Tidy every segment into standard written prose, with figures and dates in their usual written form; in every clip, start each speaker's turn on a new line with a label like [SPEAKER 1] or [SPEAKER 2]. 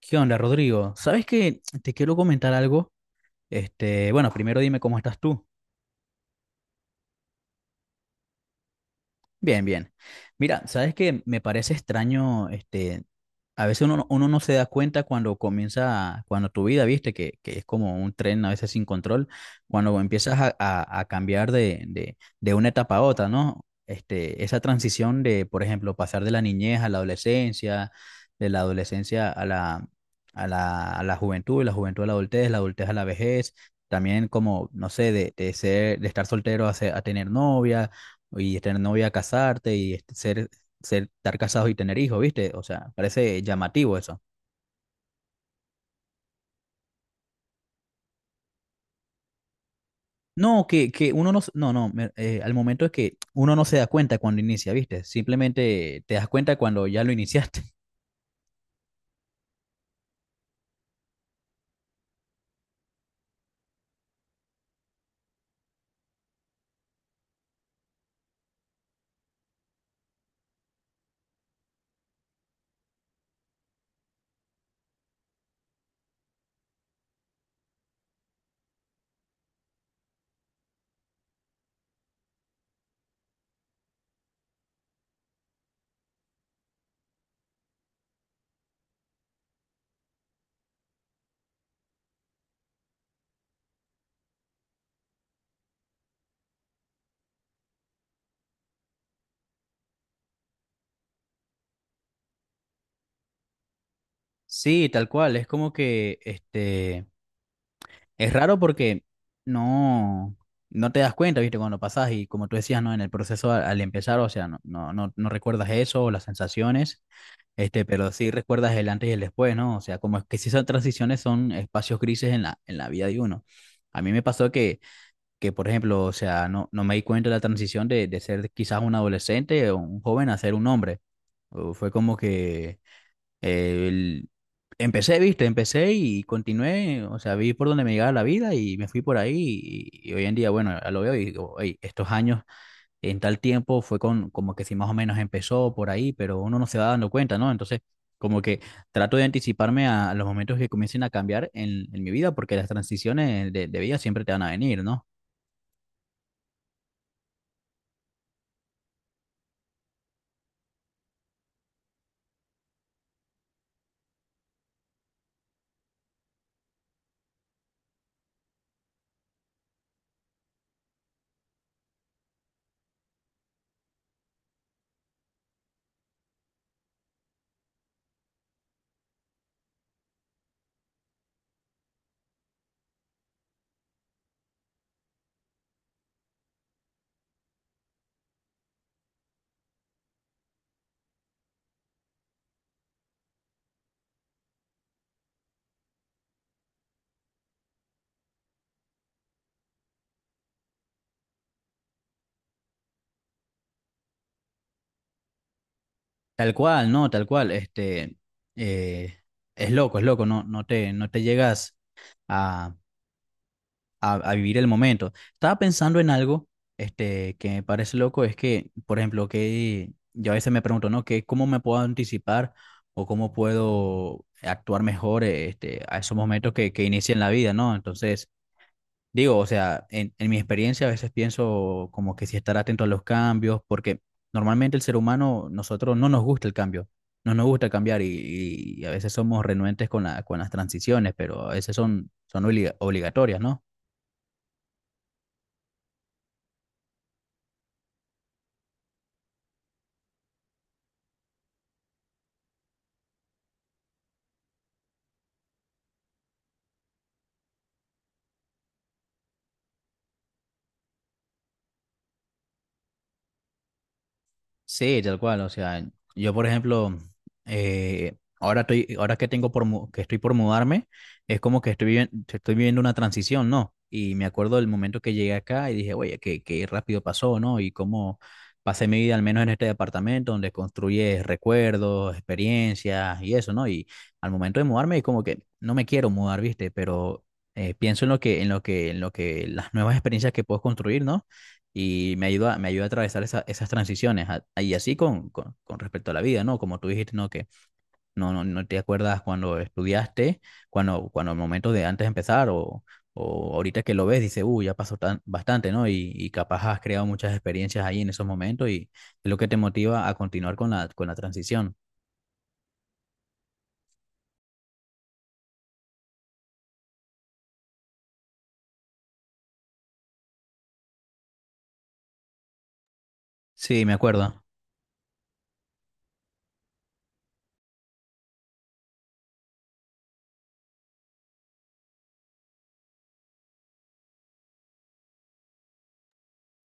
[SPEAKER 1] ¿Qué onda, Rodrigo? ¿Sabes qué? Te quiero comentar algo. Bueno, primero dime cómo estás tú. Bien, bien. Mira, sabes que me parece extraño, a veces uno no se da cuenta cuando comienza, cuando tu vida, viste, que es como un tren a veces sin control, cuando empiezas a cambiar de una etapa a otra, ¿no? Esa transición de, por ejemplo, pasar de la niñez a la adolescencia, de la adolescencia a la juventud, de la juventud a la adultez a la vejez, también como, no sé, de estar soltero a tener novia y tener novia, casarte y estar casado y tener hijos, ¿viste? O sea, parece llamativo eso. No, que uno no, al momento es que uno no se da cuenta cuando inicia, ¿viste? Simplemente te das cuenta cuando ya lo iniciaste. Sí, tal cual, es como que, es raro porque no, no te das cuenta, ¿viste? Cuando pasas y como tú decías, ¿no? En el proceso al empezar, o sea, no recuerdas eso, las sensaciones. Pero sí recuerdas el antes y el después, ¿no? O sea, como es que si esas transiciones son espacios grises en la vida de uno. A mí me pasó que por ejemplo, o sea, no me di cuenta de la transición de ser quizás un adolescente o un joven a ser un hombre. O fue como que eh, el- empecé, viste, empecé y continué, o sea, vi por donde me llegaba la vida y me fui por ahí y hoy en día, bueno, ya lo veo y digo: "Ey, estos años en tal tiempo fue con, como que si más o menos empezó por ahí, pero uno no se va dando cuenta, ¿no? Entonces, como que trato de anticiparme a los momentos que comiencen a cambiar en mi vida, porque las transiciones de vida siempre te van a venir, ¿no? Tal cual, ¿no? Tal cual. Este, eh, es loco, es loco, no te llegas a a vivir el momento. Estaba pensando en algo que me parece loco, es que, por ejemplo, que yo a veces me pregunto, ¿no? Que, ¿cómo me puedo anticipar o cómo puedo actuar mejor a esos momentos que inician la vida, ¿no? Entonces, digo, o sea, en mi experiencia a veces pienso como que si estar atento a los cambios, porque normalmente el ser humano, nosotros no nos gusta el cambio. No nos gusta cambiar y a veces somos renuentes con con las transiciones, pero a veces son obligatorias, ¿no? Sí, tal cual. O sea, yo, por ejemplo, ahora estoy, ahora que estoy por mudarme, es como que estoy viviendo una transición, ¿no? Y me acuerdo del momento que llegué acá y dije: oye, qué rápido pasó, ¿no? Y cómo pasé mi vida, al menos en este departamento, donde construyes recuerdos, experiencias y eso, ¿no? Y al momento de mudarme, es como que no me quiero mudar, ¿viste? Pero pienso en lo que, en lo que las nuevas experiencias que puedo construir, ¿no? Y me ayuda a atravesar esas transiciones y así con, con respecto a la vida, ¿no? Como tú dijiste, ¿no? Que no te acuerdas cuando estudiaste, cuando el momento de antes de empezar o ahorita que lo ves, dices: uy, ya pasó tan, bastante, ¿no? Y capaz has creado muchas experiencias ahí en esos momentos y es lo que te motiva a continuar con la transición. Sí, me acuerdo.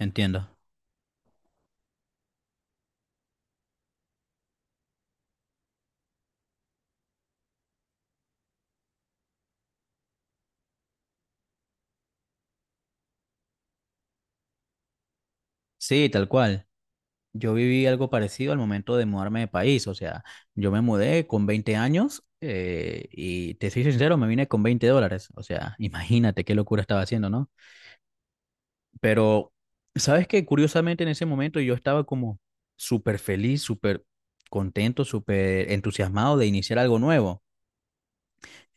[SPEAKER 1] Entiendo. Sí, tal cual. Yo viví algo parecido al momento de mudarme de país, o sea, yo me mudé con 20 años y te soy sincero, me vine con $20, o sea, imagínate qué locura estaba haciendo, ¿no? Pero, ¿sabes qué? Curiosamente en ese momento yo estaba como súper feliz, súper contento, súper entusiasmado de iniciar algo nuevo.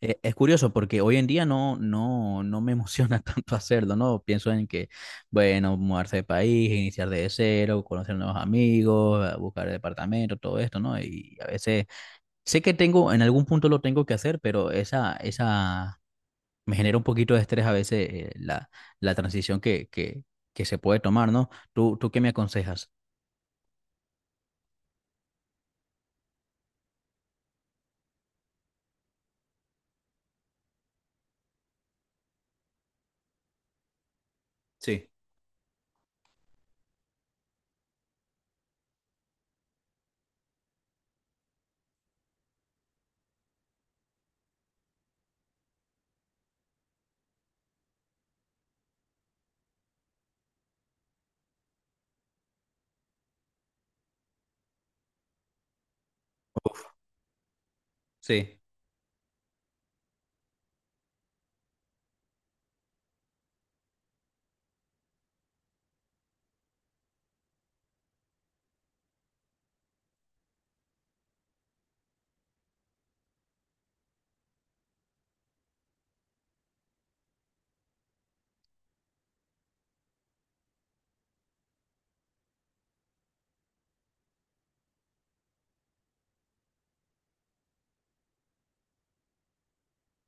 [SPEAKER 1] Es curioso porque hoy en día no me emociona tanto hacerlo, ¿no? Pienso en que, bueno, mudarse de país, iniciar de cero, conocer nuevos amigos, buscar departamento, todo esto, ¿no? Y a veces sé que tengo, en algún punto lo tengo que hacer, pero me genera un poquito de estrés a veces la transición que se puede tomar, ¿no? ¿Tú qué me aconsejas? Sí, sí.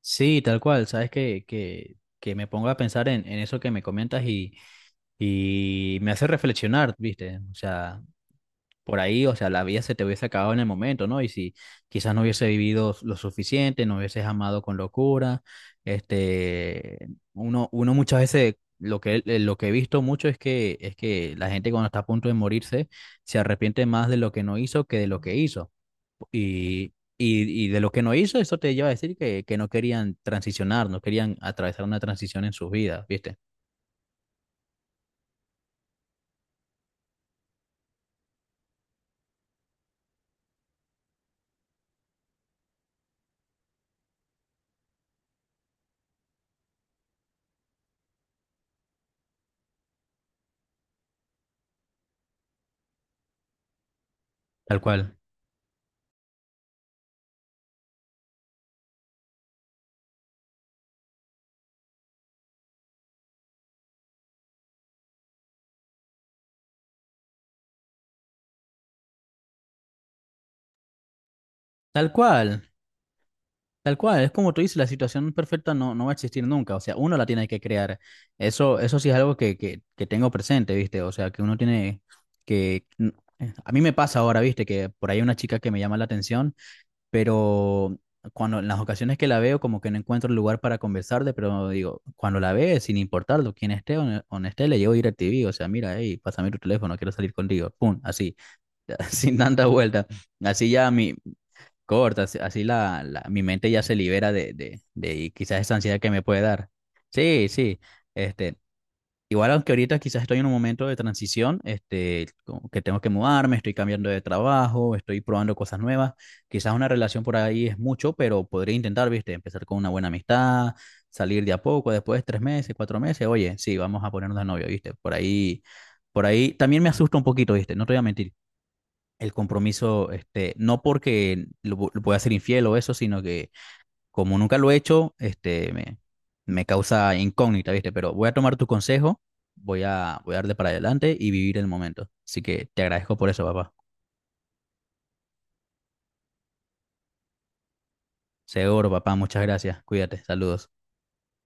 [SPEAKER 1] Sí, tal cual, sabes que me pongo a pensar en eso que me comentas . Y me hace reflexionar, ¿viste? O sea, por ahí, o sea, la vida se te hubiese acabado en el momento, ¿no? Y si quizás no hubiese vivido lo suficiente, no hubieses amado con locura, este, uno muchas veces, lo que he visto mucho es que la gente cuando está a punto de morirse se arrepiente más de lo que no hizo que de lo que hizo. Y de lo que no hizo, eso te lleva a decir que no querían transicionar, no querían atravesar una transición en sus vidas, ¿viste? Tal cual. Tal cual. Tal cual, es como tú dices, la situación perfecta no, no va a existir nunca, o sea, uno la tiene que crear. Eso sí es algo que tengo presente, ¿viste? O sea, que uno tiene que. A mí me pasa ahora, ¿viste? Que por ahí hay una chica que me llama la atención, pero cuando en las ocasiones que la veo como que no encuentro el lugar para conversarle, pero digo, cuando la ve, sin importarlo, quién esté o no esté, le llevo DirecTV, o sea, mira, hey, pásame tu teléfono, quiero salir contigo, pum, así, sin tanta vuelta. Así ya mi, corta, así así mi mente ya se libera de quizás esa ansiedad que me puede dar. Sí, sí. Este, igual aunque ahorita quizás estoy en un momento de transición, como que tengo que mudarme, estoy cambiando de trabajo, estoy probando cosas nuevas. Quizás una relación por ahí es mucho, pero podría intentar, viste, empezar con una buena amistad, salir de a poco, después 3 meses, 4 meses, oye, sí, vamos a ponernos de novio, viste, por ahí también me asusta un poquito, viste, no te voy a mentir el compromiso, no porque lo voy a ser infiel o eso, sino que como nunca lo he hecho, me causa incógnita, ¿viste? Pero voy a tomar tu consejo, voy a darle para adelante y vivir el momento. Así que te agradezco por eso, papá. Seguro, papá, muchas gracias. Cuídate, saludos.